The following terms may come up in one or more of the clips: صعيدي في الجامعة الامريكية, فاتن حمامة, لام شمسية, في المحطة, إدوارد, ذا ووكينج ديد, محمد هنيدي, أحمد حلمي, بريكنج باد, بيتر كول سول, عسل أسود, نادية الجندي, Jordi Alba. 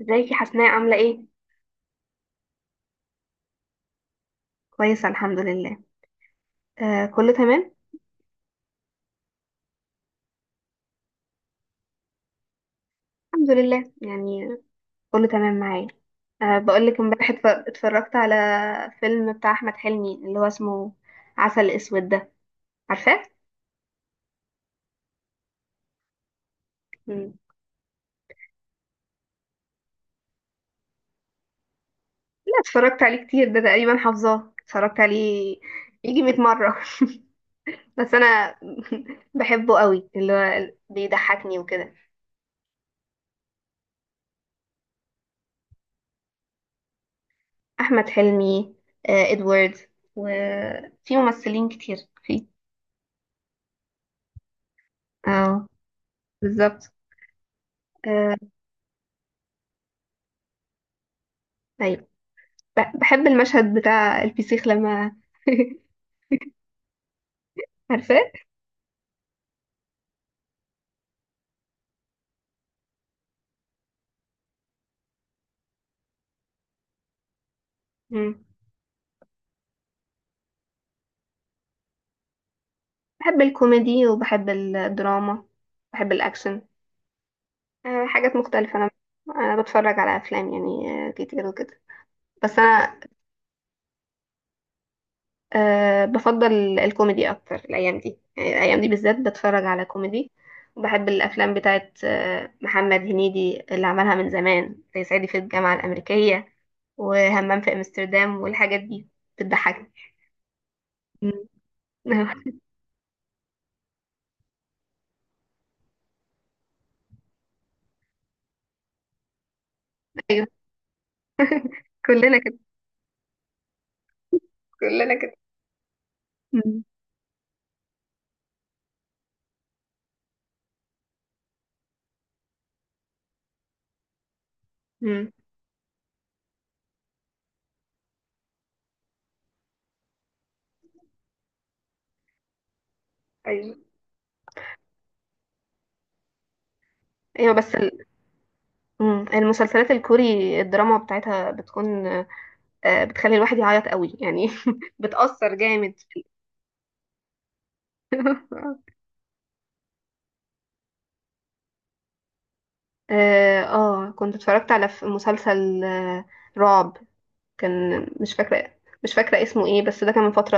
ازيك يا حسناء عاملة ايه؟ كويسة، الحمد لله. آه، كله تمام؟ الحمد لله يعني، كله تمام معايا. آه، بقولك امبارح اتفرجت على فيلم بتاع أحمد حلمي اللي هو اسمه عسل أسود ده. عارفاه؟ مم. لا، اتفرجت عليه كتير، ده تقريبا حافظاه، اتفرجت عليه يجي 100 مرة. بس أنا بحبه قوي اللي هو بيضحكني وكده. أحمد حلمي، إدوارد، وفي ممثلين كتير فيه. اه، بالظبط. آه، أيوة. بحب المشهد بتاع الفسيخ لما عارفاه. مم. بحب الكوميدي وبحب الدراما، بحب الاكشن، حاجات مختلفة. انا بتفرج على افلام يعني، كتير وكده، بس انا بفضل الكوميدي اكتر الايام دي، يعني الايام دي بالذات بتفرج على كوميدي. وبحب الافلام بتاعت محمد هنيدي اللي عملها من زمان، زي صعيدي في الجامعة الامريكية وهمام في امستردام والحاجات دي. بتضحكني. مم. ايوه. كلنا كده، كلنا كده. مم. مم. ايوه، ايوه، بس مم. المسلسلات الكوري الدراما بتاعتها بتكون بتخلي الواحد يعيط قوي يعني. بتأثر جامد. اه، كنت اتفرجت على مسلسل رعب، كان مش فاكرة اسمه ايه، بس ده كان من فترة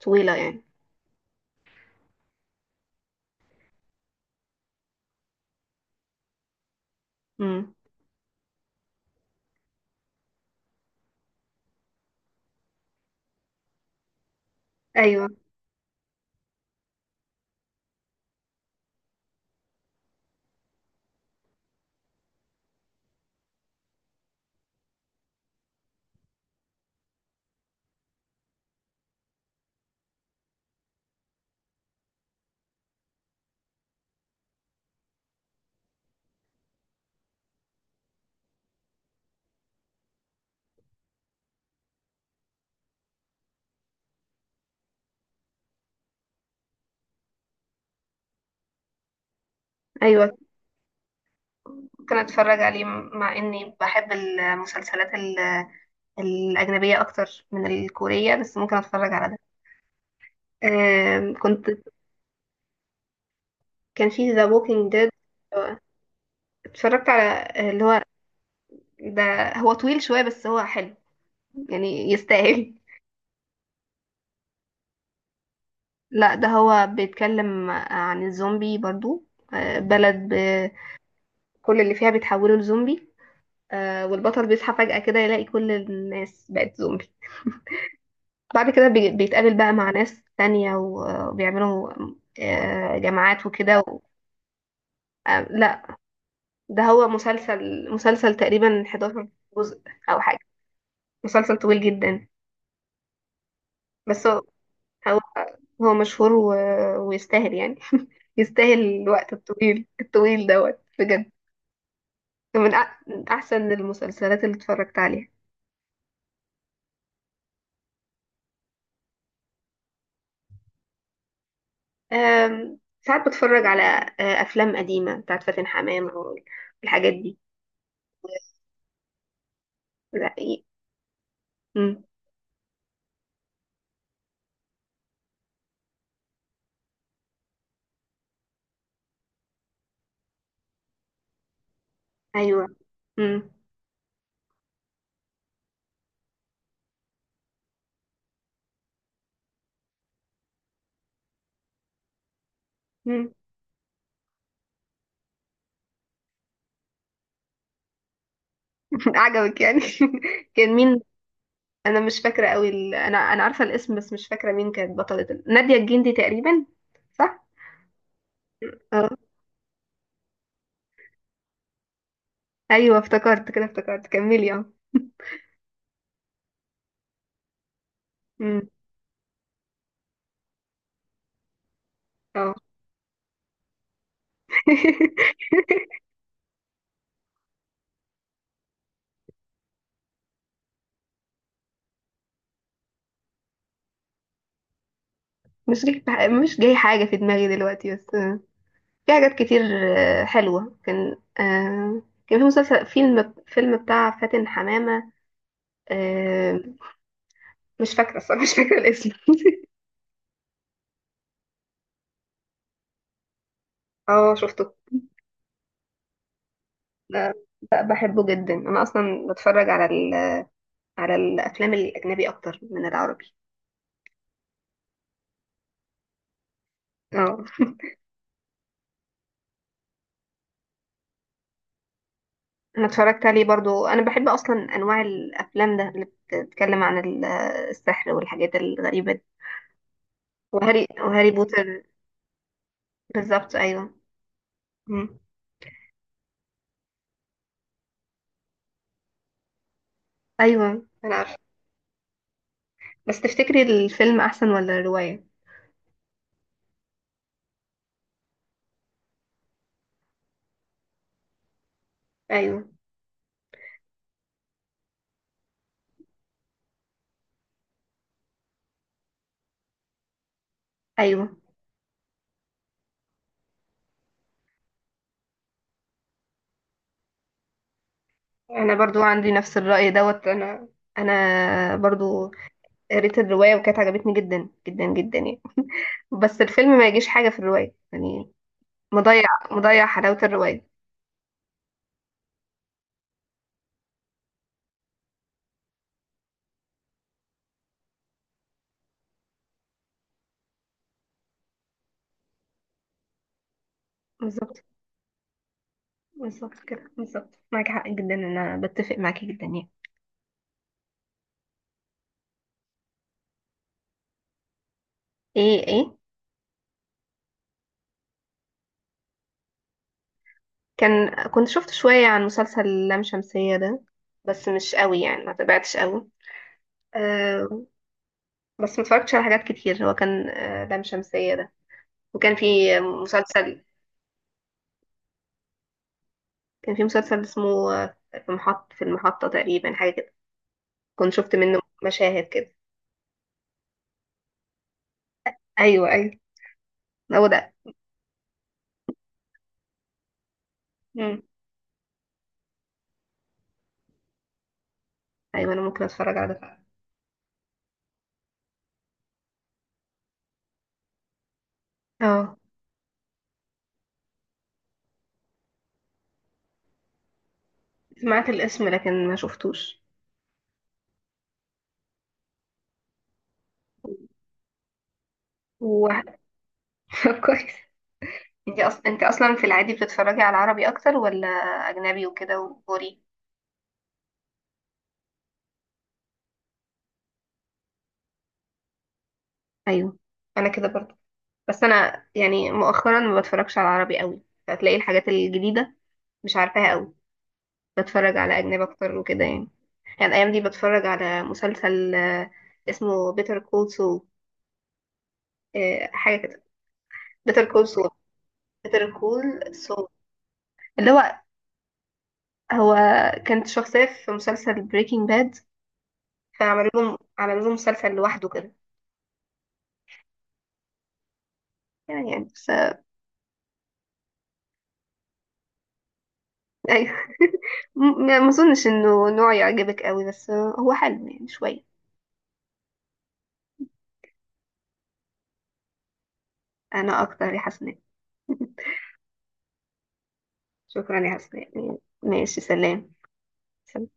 طويلة يعني. مم. ايوه، ايوه، ممكن اتفرج عليه مع اني بحب المسلسلات الأجنبية اكتر من الكورية، بس ممكن اتفرج على ده. آم، كنت كان في ذا ووكينج ديد، اتفرجت على اللي هو ده. هو طويل شوية بس هو حلو، يعني يستاهل. لا، ده هو بيتكلم عن الزومبي برضو، بلد كل اللي فيها بيتحولوا لزومبي. والبطل بيصحى فجأة كده يلاقي كل الناس بقت زومبي. بعد كده بيتقابل بقى مع ناس تانية، و- وبيعملوا جماعات وكده لا، ده هو مسلسل تقريبا 11 جزء أو حاجة، مسلسل طويل جدا، بس هو هو مشهور و... ويستاهل يعني. يستاهل الوقت الطويل الطويل دوت بجد. من أحسن المسلسلات اللي اتفرجت عليها. ساعات بتفرج على أفلام قديمة بتاعت فاتن حمامة والحاجات دي. لا، إيه. مم. أيوه. مم. مم. عجبك يعني؟ كان مين؟ أنا مش فاكرة قوي، ال... أنا أنا عارفة الاسم، بس مش فاكرة مين كانت بطلة نادية الجندي تقريبا. صح؟ ايوه، افتكرت كده، افتكرت، كملي. اه. امم اه. مش جاي حاجه في دماغي دلوقتي، بس في حاجات كتير حلوه. كان آه، كان في مسلسل فيلم بتاع فاتن حمامه. آه، مش فاكره الصراحه، مش فاكره الاسم. اه، شفته. ده ده بحبه جدا، انا اصلا بتفرج على الافلام الاجنبي اكتر من العربي. اه، انا اتفرجت عليه برضو، انا بحب اصلا انواع الافلام ده اللي بتتكلم عن السحر والحاجات الغريبه. وهاري بوتر، بالظبط، ايوه. مم. ايوه، انا عارفه. بس تفتكري الفيلم احسن ولا الروايه؟ ايوه، ايوه، انا برضو عندي نفس الراي دوت. انا برضو قريت الروايه وكانت عجبتني جدا جدا جدا يعني، بس الفيلم ما يجيش حاجه في الروايه يعني. مضيع مضيع حلاوه الروايه. بالظبط، بالظبط كده، بالظبط، معاكي حق جدا، انا بتفق معاكي جدا يعني. ايه، ايه؟ كنت شفت شويه عن مسلسل لام شمسيه ده، بس مش قوي يعني، ما تابعتش قوي. آه، بس ما اتفرجتش على حاجات كتير. هو كان لام شمسية ده، وكان في مسلسل. كان في مسلسل اسمه في المحطة تقريبا، حاجة كده، كنت شفت منه مشاهد كده. أيوه، أيوه، هو ده. مم. أيوه، أنا ممكن أتفرج على ده فعلا. اه، سمعت الاسم لكن ما شفتوش. و... كويس. انت أصلا في العادي بتتفرجي على عربي أكتر ولا أجنبي وكده وكوري؟ أيوه، أنا كده برضه، بس أنا يعني مؤخرا ما بتفرجش على عربي قوي، فتلاقي الحاجات الجديدة مش عارفاها قوي. بتفرج على أجنبي أكتر وكده يعني. يعني الأيام دي بتفرج على مسلسل اسمه بيتر كول سول، حاجة كده. بيتر كول سول، بيتر كول سول. اللي هو هو كانت شخصية في مسلسل بريكنج باد، فعملوا لهم مسلسل لوحده كده. يعني بس أيوه. ما أظنش إنه نوع يعجبك قوي، بس هو حلو يعني شوية. أنا أكتر يا حسناء. شكرا يا حسناء. ماشي، سلام. سلام.